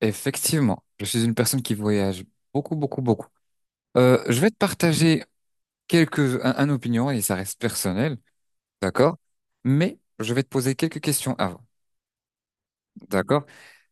Effectivement, je suis une personne qui voyage beaucoup, beaucoup, beaucoup. Je vais te partager un opinion et ça reste personnel, d'accord? Mais je vais te poser quelques questions avant. D'accord.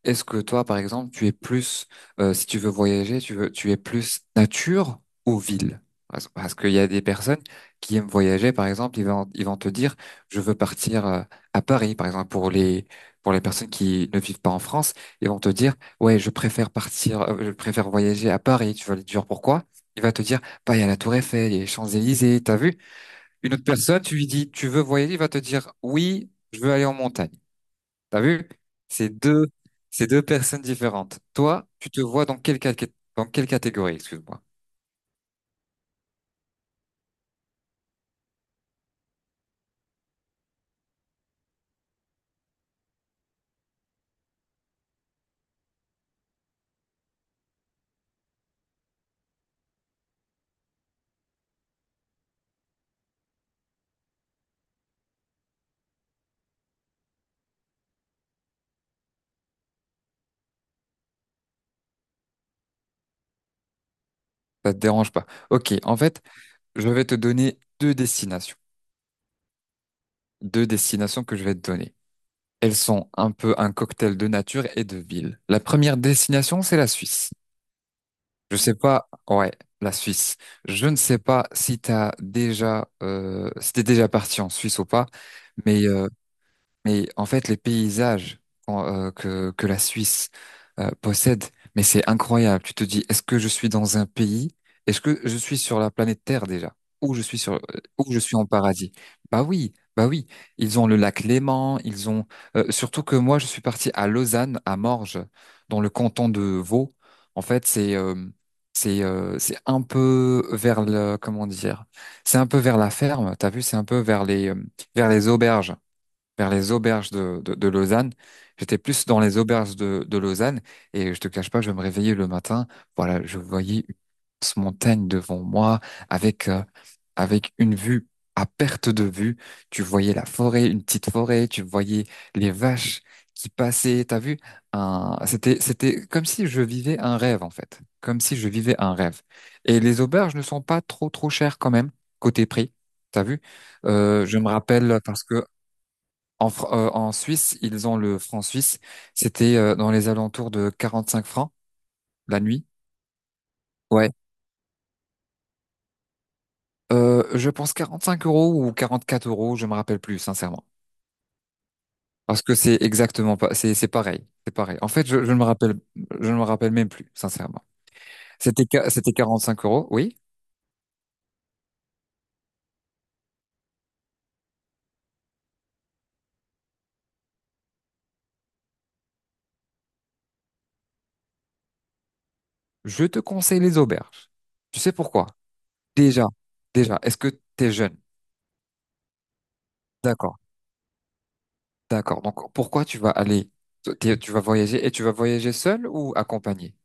Est-ce que toi, par exemple, tu es plus, si tu veux voyager, tu es plus nature ou ville? Parce qu'il y a des personnes qui aiment voyager, par exemple, ils vont te dire, je veux partir à Paris, par exemple, pour les personnes qui ne vivent pas en France, ils vont te dire, ouais, je préfère voyager à Paris. Tu vas lui dire pourquoi? Il va te dire, bah, il y a la Tour Eiffel, il y a les Champs-Élysées, t'as vu? Une autre personne, tu lui dis, tu veux voyager, il va te dire, oui, je veux aller en montagne. T'as vu? C'est deux, c'est deux personnes différentes. Toi, tu te vois dans quelle catégorie, excuse-moi. Ça te dérange pas. Ok, en fait, je vais te donner deux destinations. Deux destinations que je vais te donner. Elles sont un peu un cocktail de nature et de ville. La première destination, c'est la Suisse. Je sais pas, ouais, la Suisse. Je ne sais pas si t'es déjà parti en Suisse ou pas, mais euh, Mais en fait, les paysages que la Suisse possède, mais c'est incroyable. Tu te dis, est-ce que je suis dans un pays? Est-ce que je suis sur la planète Terre déjà? Ou je suis sur, euh, ou je suis en paradis? Bah oui, bah oui. Ils ont le lac Léman, surtout que moi, je suis parti à Lausanne, à Morges, dans le canton de Vaud. En fait, c'est un peu vers le, comment dire? C'est un peu vers la ferme. T'as vu, c'est un peu vers les auberges vers les auberges de Lausanne. J'étais plus dans les auberges de Lausanne et je te cache pas, je me réveillais le matin. Voilà, je voyais une immense montagne devant moi avec, euh, avec une vue à perte de vue. Tu voyais la forêt, une petite forêt, tu voyais les vaches qui passaient. T'as vu? C'était comme si je vivais un rêve, en fait. Comme si je vivais un rêve. Et les auberges ne sont pas trop, trop chères quand même, côté prix. T'as vu? Je me rappelle parce que en Suisse, ils ont le franc suisse. C'était dans les alentours de 45 francs la nuit. Ouais. Je pense 45 euros ou 44 euros, je me rappelle plus, sincèrement. Parce que c'est exactement pas, c'est pareil, c'est pareil. En fait, je ne me rappelle même plus, sincèrement. C'était 45 euros, oui. Je te conseille les auberges. Tu sais pourquoi? Déjà, déjà, est-ce que tu es jeune? D'accord, d'accord. Donc pourquoi tu vas aller, tu vas voyager et tu vas voyager seul ou accompagné?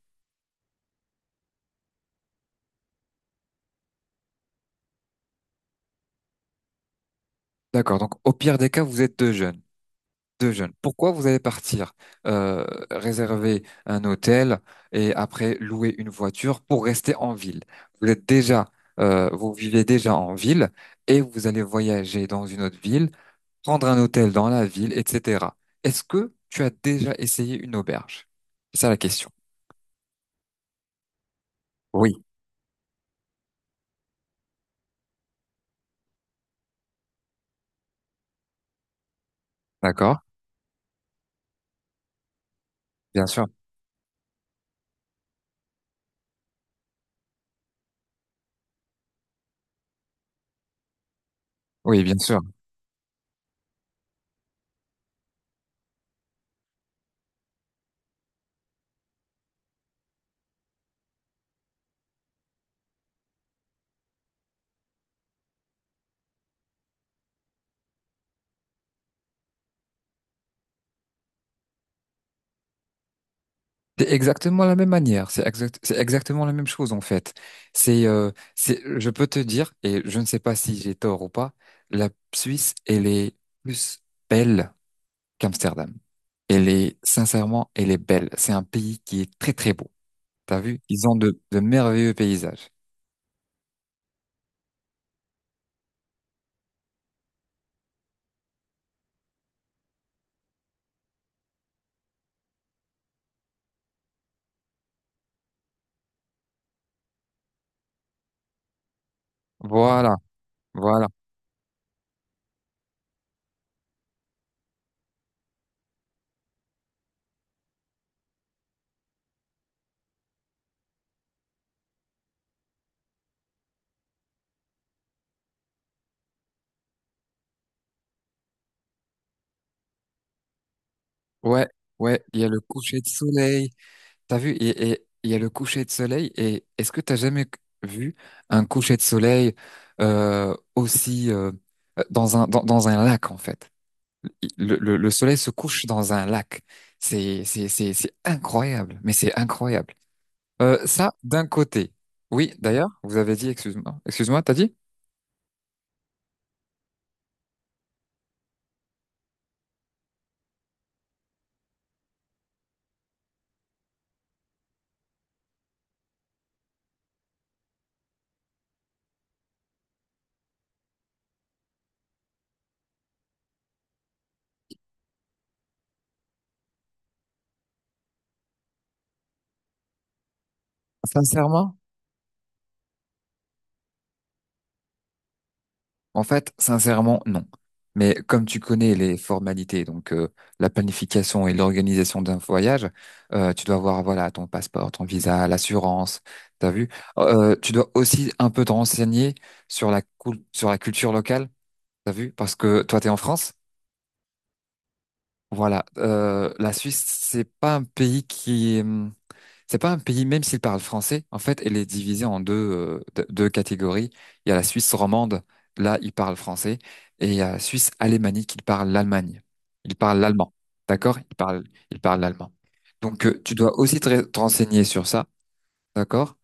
D'accord. Donc, au pire des cas, vous êtes deux jeunes. Deux jeunes. Pourquoi vous allez partir euh, réserver un hôtel et après louer une voiture pour rester en ville? Vous êtes déjà, vous vivez déjà en ville et vous allez voyager dans une autre ville, prendre un hôtel dans la ville, etc. Est-ce que tu as déjà essayé une auberge? C'est ça la question. Oui. D'accord. Bien sûr. Oui, bien sûr. C'est exactement la même manière, c'est exact, c'est exactement la même chose en fait. Je peux te dire, et je ne sais pas si j'ai tort ou pas, la Suisse, elle est plus belle qu'Amsterdam. Elle est, sincèrement, elle est belle. C'est un pays qui est très très beau. T'as vu? Ils ont de merveilleux paysages. Voilà, voilà. Ouais, ouais, il y a le coucher de soleil. T'as vu, il y a le coucher de soleil, et est-ce que t'as jamais vu un coucher de soleil aussi dans un dans un lac en fait? Le soleil se couche dans un lac. C'est incroyable, mais c'est incroyable. Ça d'un côté. Oui, d'ailleurs, vous avez dit, excuse-moi, excuse-moi, t'as dit? Sincèrement? En fait, sincèrement, non. Mais comme tu connais les formalités, donc la planification et l'organisation d'un voyage, tu dois avoir voilà ton passeport, ton visa, l'assurance, t'as vu. Oh, tu dois aussi un peu te renseigner sur la culture locale, t'as vu, parce que toi t'es en France. Voilà, la Suisse c'est pas un pays qui c'est pas un pays, même s'il parle français, en fait, elle est divisée en deux, deux catégories. Il y a la Suisse romande, là, il parle français, et il y a la Suisse alémanique, il parle l'Allemagne. Il parle l'allemand, d'accord? Il parle l'allemand. Donc, tu dois aussi te renseigner sur ça, d'accord?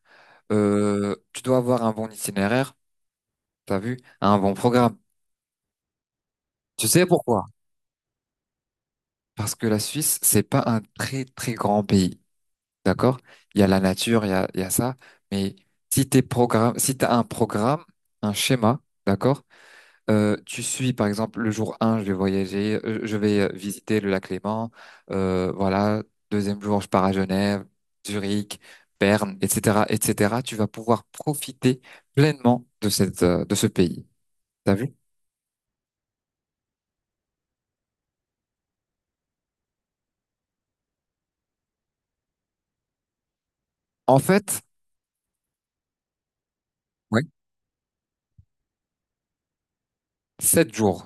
Tu dois avoir un bon itinéraire, t'as vu, un bon programme. Tu sais pourquoi? Parce que la Suisse, c'est pas un très, très grand pays. D'accord? Il y a la nature, il y a ça. Mais si t'as un programme, un schéma, d'accord? Tu suis, par exemple, le jour un, je vais voyager, je vais visiter le lac Léman. Voilà. Deuxième jour, je pars à Genève, Zurich, Berne, etc., etc. Tu vas pouvoir profiter pleinement de ce pays. T'as vu? En fait, oui. 7 jours.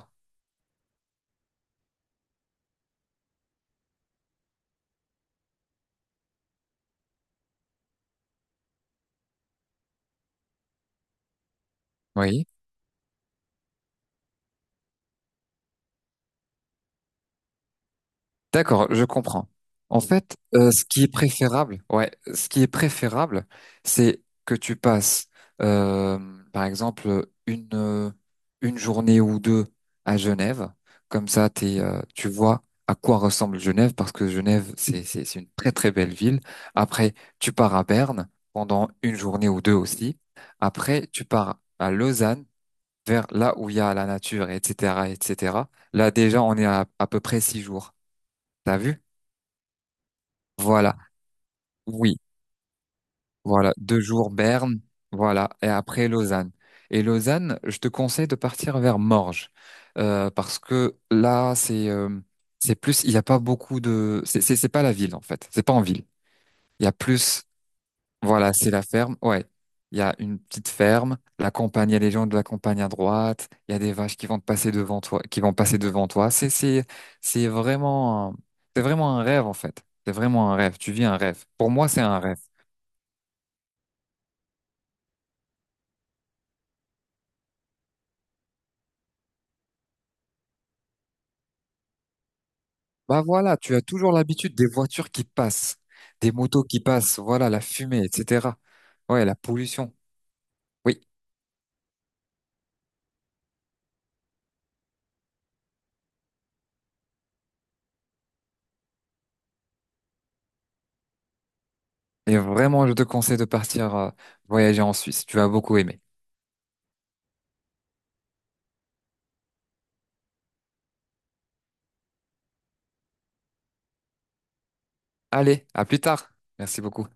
Oui. D'accord, je comprends. En fait, ce qui est préférable, ouais, ce qui est préférable, c'est que tu passes, euh, par exemple, une journée ou deux à Genève. Comme ça, tu vois à quoi ressemble Genève, parce que Genève, c'est une très très belle ville. Après, tu pars à Berne pendant une journée ou deux aussi. Après, tu pars à Lausanne, vers là où il y a la nature, etc., etc. Là, déjà, on est à peu près 6 jours. T'as vu? Voilà, oui, voilà, 2 jours Berne, voilà, et après Lausanne. Et Lausanne, je te conseille de partir vers Morges, parce que là, c'est plus, il n'y a pas beaucoup de, c'est pas la ville en fait, c'est pas en ville. Il y a plus, voilà, c'est la ferme, ouais. Il y a une petite ferme, la campagne, il y a les gens de la campagne à droite, il y a des vaches qui vont te passer devant toi, qui vont passer devant toi. C'est vraiment, un- c'est vraiment un rêve en fait. C'est vraiment un rêve. Tu vis un rêve. Pour moi, c'est un rêve. Bah voilà, tu as toujours l'habitude des voitures qui passent, des motos qui passent, voilà, la fumée, etc. Ouais, la pollution. Oui. Et vraiment, je te conseille de partir voyager en Suisse. Tu vas beaucoup aimer. Allez, à plus tard. Merci beaucoup.